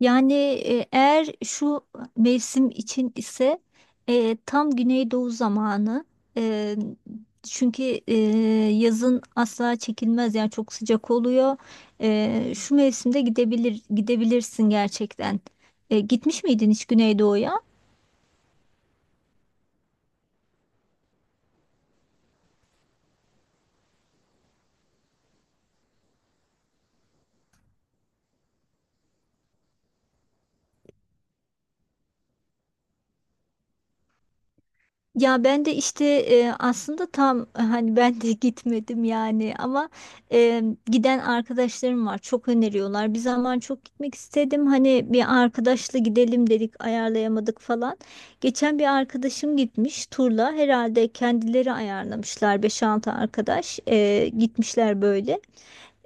Yani eğer şu mevsim için ise tam Güneydoğu zamanı. E, Çünkü e, yazın asla çekilmez yani, çok sıcak oluyor. Şu mevsimde gidebilirsin gerçekten. Gitmiş miydin hiç Güneydoğu'ya? Ya ben de işte aslında tam hani ben de gitmedim yani, ama e, giden arkadaşlarım var, çok öneriyorlar. Bir zaman çok gitmek istedim, hani bir arkadaşla gidelim dedik, ayarlayamadık falan. Geçen bir arkadaşım gitmiş turla, herhalde kendileri ayarlamışlar, beş altı arkadaş gitmişler böyle.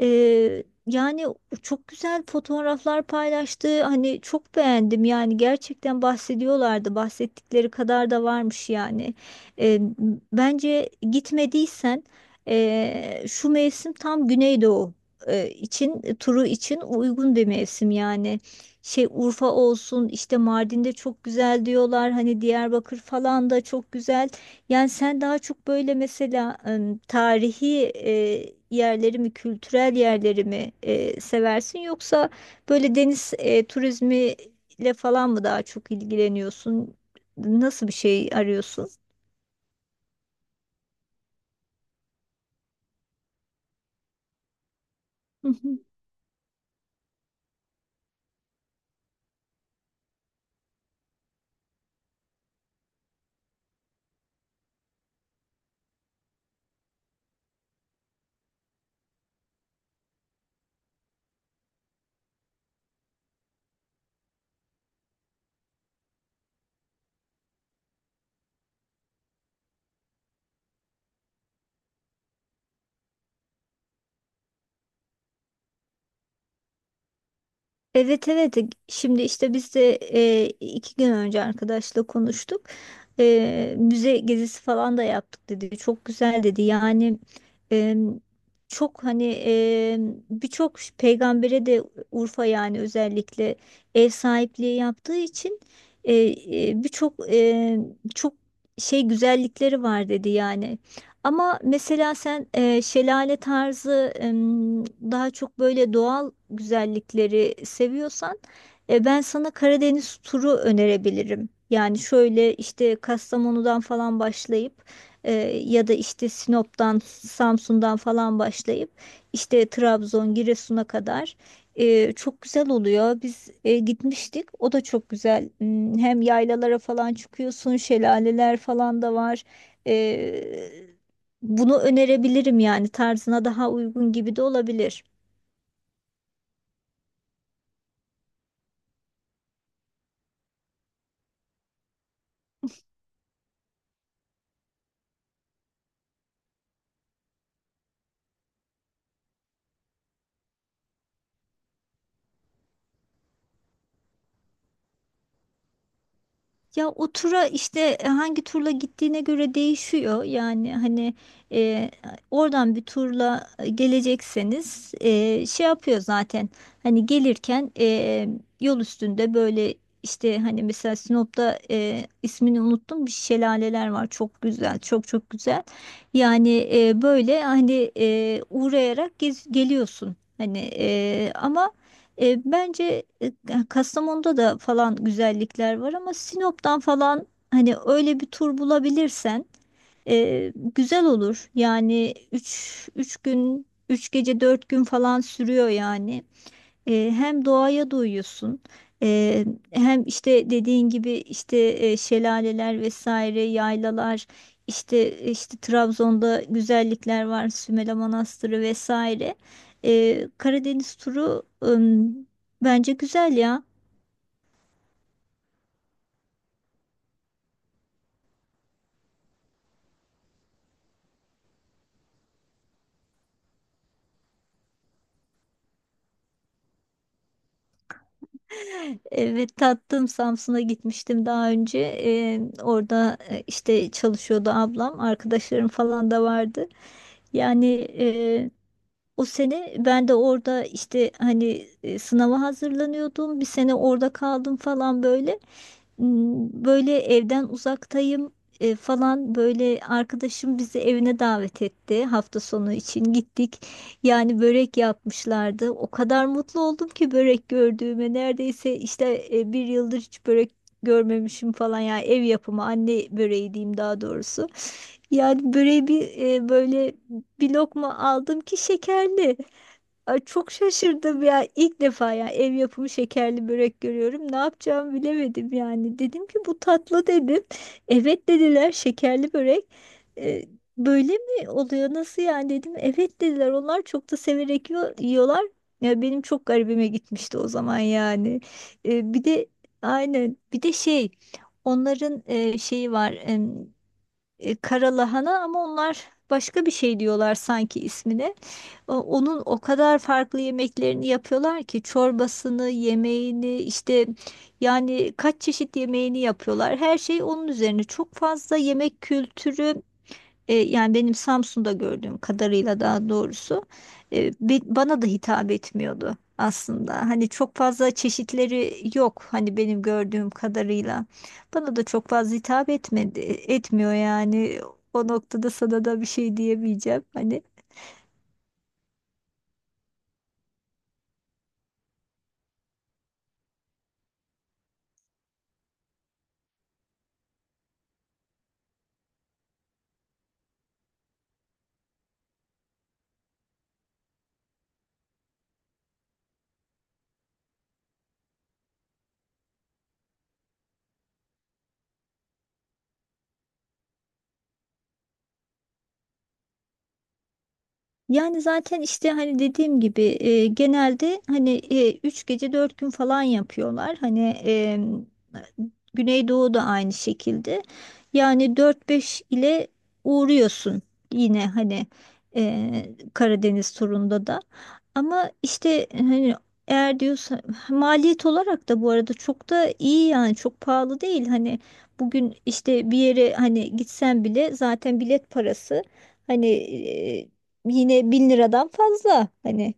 Yani çok güzel fotoğraflar paylaştı. Hani çok beğendim, yani gerçekten bahsediyorlardı. Bahsettikleri kadar da varmış yani. Ee, Bence gitmediysen, şu mevsim tam Güneydoğu için, turu için uygun bir mevsim yani. Şey, Urfa olsun, işte Mardin'de çok güzel diyorlar. Hani Diyarbakır falan da çok güzel. Yani sen daha çok böyle mesela, tarihi yerleri mi, kültürel yerleri mi seversin, yoksa böyle deniz turizmiyle falan mı daha çok ilgileniyorsun? Nasıl bir şey arıyorsun? Evet, evet, şimdi işte biz de 2 gün önce arkadaşla konuştuk. Müze gezisi falan da yaptık, dedi. Çok güzel, dedi. Yani e, çok hani birçok peygambere de Urfa yani özellikle ev sahipliği yaptığı için, e, birçok çok şey güzellikleri var, dedi yani. Ama mesela sen şelale tarzı, daha çok böyle doğal güzellikleri seviyorsan, ben sana Karadeniz turu önerebilirim. Yani şöyle, işte Kastamonu'dan falan başlayıp, e, ya da işte Sinop'tan, Samsun'dan falan başlayıp işte Trabzon, Giresun'a kadar çok güzel oluyor. Biz gitmiştik. O da çok güzel. Hem yaylalara falan çıkıyorsun, şelaleler falan da var. E, Bunu önerebilirim, yani tarzına daha uygun gibi de olabilir. Ya o tura işte hangi turla gittiğine göre değişiyor. Yani hani e, oradan bir turla gelecekseniz, şey yapıyor zaten. Hani gelirken yol üstünde böyle, işte hani mesela Sinop'ta ismini unuttum, bir şelaleler var, çok güzel, çok çok güzel. Yani böyle hani uğrayarak geliyorsun. Hani ama, bence Kastamonu'da da falan güzellikler var, ama Sinop'tan falan hani öyle bir tur bulabilirsen güzel olur. Yani 3 gün 3 gece 4 gün falan sürüyor yani. Hem doğaya doyuyorsun, e, hem işte dediğin gibi, işte şelaleler vesaire, yaylalar, işte Trabzon'da güzellikler var, Sümele Manastırı vesaire. Karadeniz turu, bence güzel ya. Evet tattım, Samsun'a gitmiştim daha önce. Orada işte çalışıyordu ablam, arkadaşlarım falan da vardı. Yani o sene ben de orada işte hani sınava hazırlanıyordum. Bir sene orada kaldım falan böyle. Böyle evden uzaktayım falan, böyle arkadaşım bizi evine davet etti. Hafta sonu için gittik. Yani börek yapmışlardı. O kadar mutlu oldum ki börek gördüğüme. Neredeyse işte bir yıldır hiç börek görmemişim falan ya, ev yapımı anne böreği diyeyim daha doğrusu. Yani böreği bir böyle bir lokma aldım ki, şekerli. Ay, çok şaşırdım ya. İlk defa ya, ev yapımı şekerli börek görüyorum. Ne yapacağımı bilemedim yani. Dedim ki bu tatlı, dedim. Evet dediler, şekerli börek. E, Böyle mi oluyor? Nasıl yani, dedim. Evet, dediler. Onlar çok da severek yiyorlar. Ya benim çok garibime gitmişti o zaman yani. Bir de, aynen, bir de şey, onların şeyi var, karalahana, ama onlar başka bir şey diyorlar sanki ismine. Onun o kadar farklı yemeklerini yapıyorlar ki çorbasını, yemeğini, işte yani kaç çeşit yemeğini yapıyorlar. Her şey onun üzerine. Çok fazla yemek kültürü, yani benim Samsun'da gördüğüm kadarıyla, daha doğrusu bana da hitap etmiyordu aslında. Hani çok fazla çeşitleri yok, hani benim gördüğüm kadarıyla. Bana da çok fazla hitap etmedi, etmiyor yani. O noktada sana da bir şey diyemeyeceğim. Hani. Yani zaten işte hani dediğim gibi genelde hani 3 gece 4 gün falan yapıyorlar. Hani Güneydoğu da aynı şekilde. Yani dört beş ile uğruyorsun yine, hani e, Karadeniz turunda da. Ama işte hani, eğer diyorsa maliyet olarak da, bu arada çok da iyi yani, çok pahalı değil. Hani bugün işte bir yere hani gitsen bile, zaten bilet parası hani yine 1.000 liradan fazla. Hani.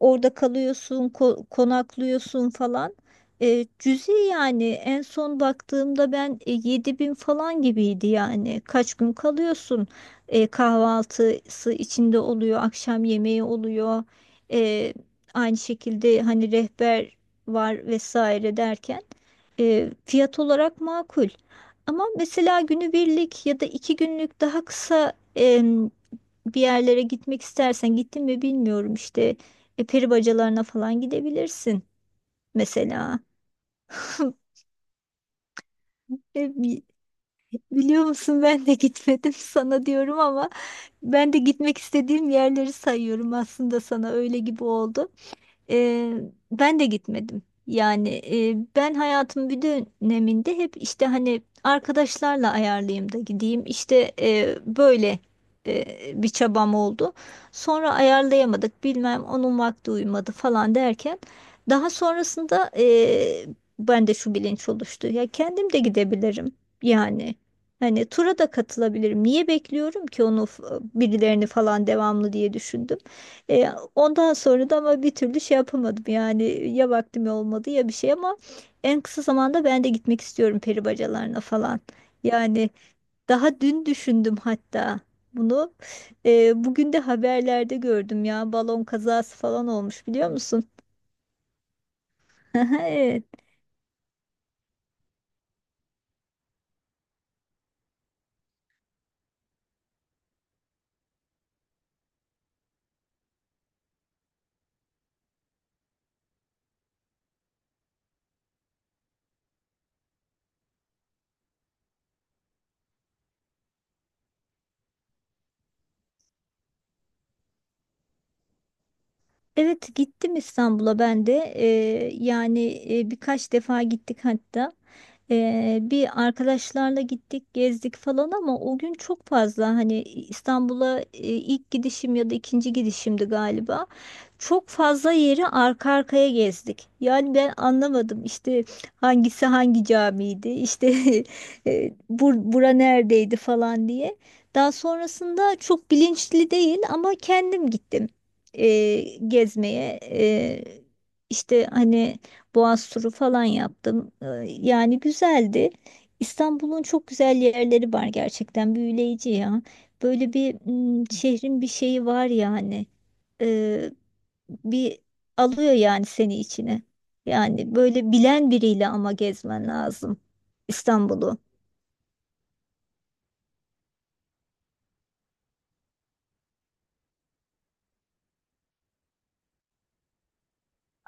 Orada kalıyorsun, konaklıyorsun falan. Cüzi yani, en son baktığımda ben 7.000 falan gibiydi yani. Kaç gün kalıyorsun? Kahvaltısı içinde oluyor, akşam yemeği oluyor. E, Aynı şekilde hani rehber var vesaire derken fiyat olarak makul. Ama mesela günübirlik ya da 2 günlük daha kısa, bir yerlere gitmek istersen, gittin mi bilmiyorum işte, peri bacalarına falan gidebilirsin mesela. E, bi- Biliyor musun, ben de gitmedim sana diyorum ama, ben de gitmek istediğim yerleri sayıyorum aslında, sana öyle gibi oldu. Ee, Ben de gitmedim. Yani ben hayatımın bir döneminde hep, işte hani arkadaşlarla ayarlayayım da gideyim, İşte böyle e, bir çabam oldu. Sonra ayarlayamadık, bilmem onun vakti uymadı falan derken. Daha sonrasında ben de şu bilinç oluştu. Ya kendim de gidebilirim yani. Hani tura da katılabilirim. Niye bekliyorum ki onu, birilerini falan devamlı, diye düşündüm. E, Ondan sonra da ama bir türlü şey yapamadım yani, ya vaktim olmadı ya bir şey, ama en kısa zamanda ben de gitmek istiyorum peri bacalarına falan. Yani daha dün düşündüm hatta bunu. Bugün de haberlerde gördüm ya, balon kazası falan olmuş, biliyor musun? Evet gittim İstanbul'a ben de. Yani birkaç defa gittik hatta. Bir arkadaşlarla gittik, gezdik falan, ama o gün çok fazla hani, İstanbul'a ilk gidişim ya da ikinci gidişimdi galiba, çok fazla yeri arka arkaya gezdik, yani ben anlamadım işte hangisi hangi camiydi işte bura neredeydi falan diye. Daha sonrasında çok bilinçli değil ama kendim gittim e, gezmeye, işte hani Boğaz turu falan yaptım. Yani güzeldi. İstanbul'un çok güzel yerleri var, gerçekten büyüleyici ya. Böyle bir, şehrin bir şeyi var yani. E, Bir alıyor yani seni içine. Yani böyle bilen biriyle ama gezmen lazım İstanbul'u.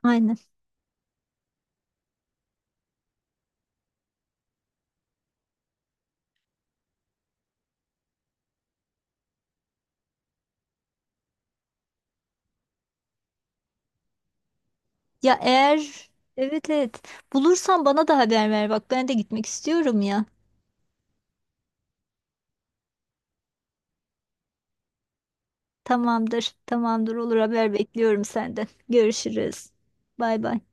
Aynen. Ya eğer, evet, evet, bulursan bana da haber ver bak, ben de gitmek istiyorum ya. Tamamdır, tamamdır, olur. Haber bekliyorum senden. Görüşürüz. Bay bay.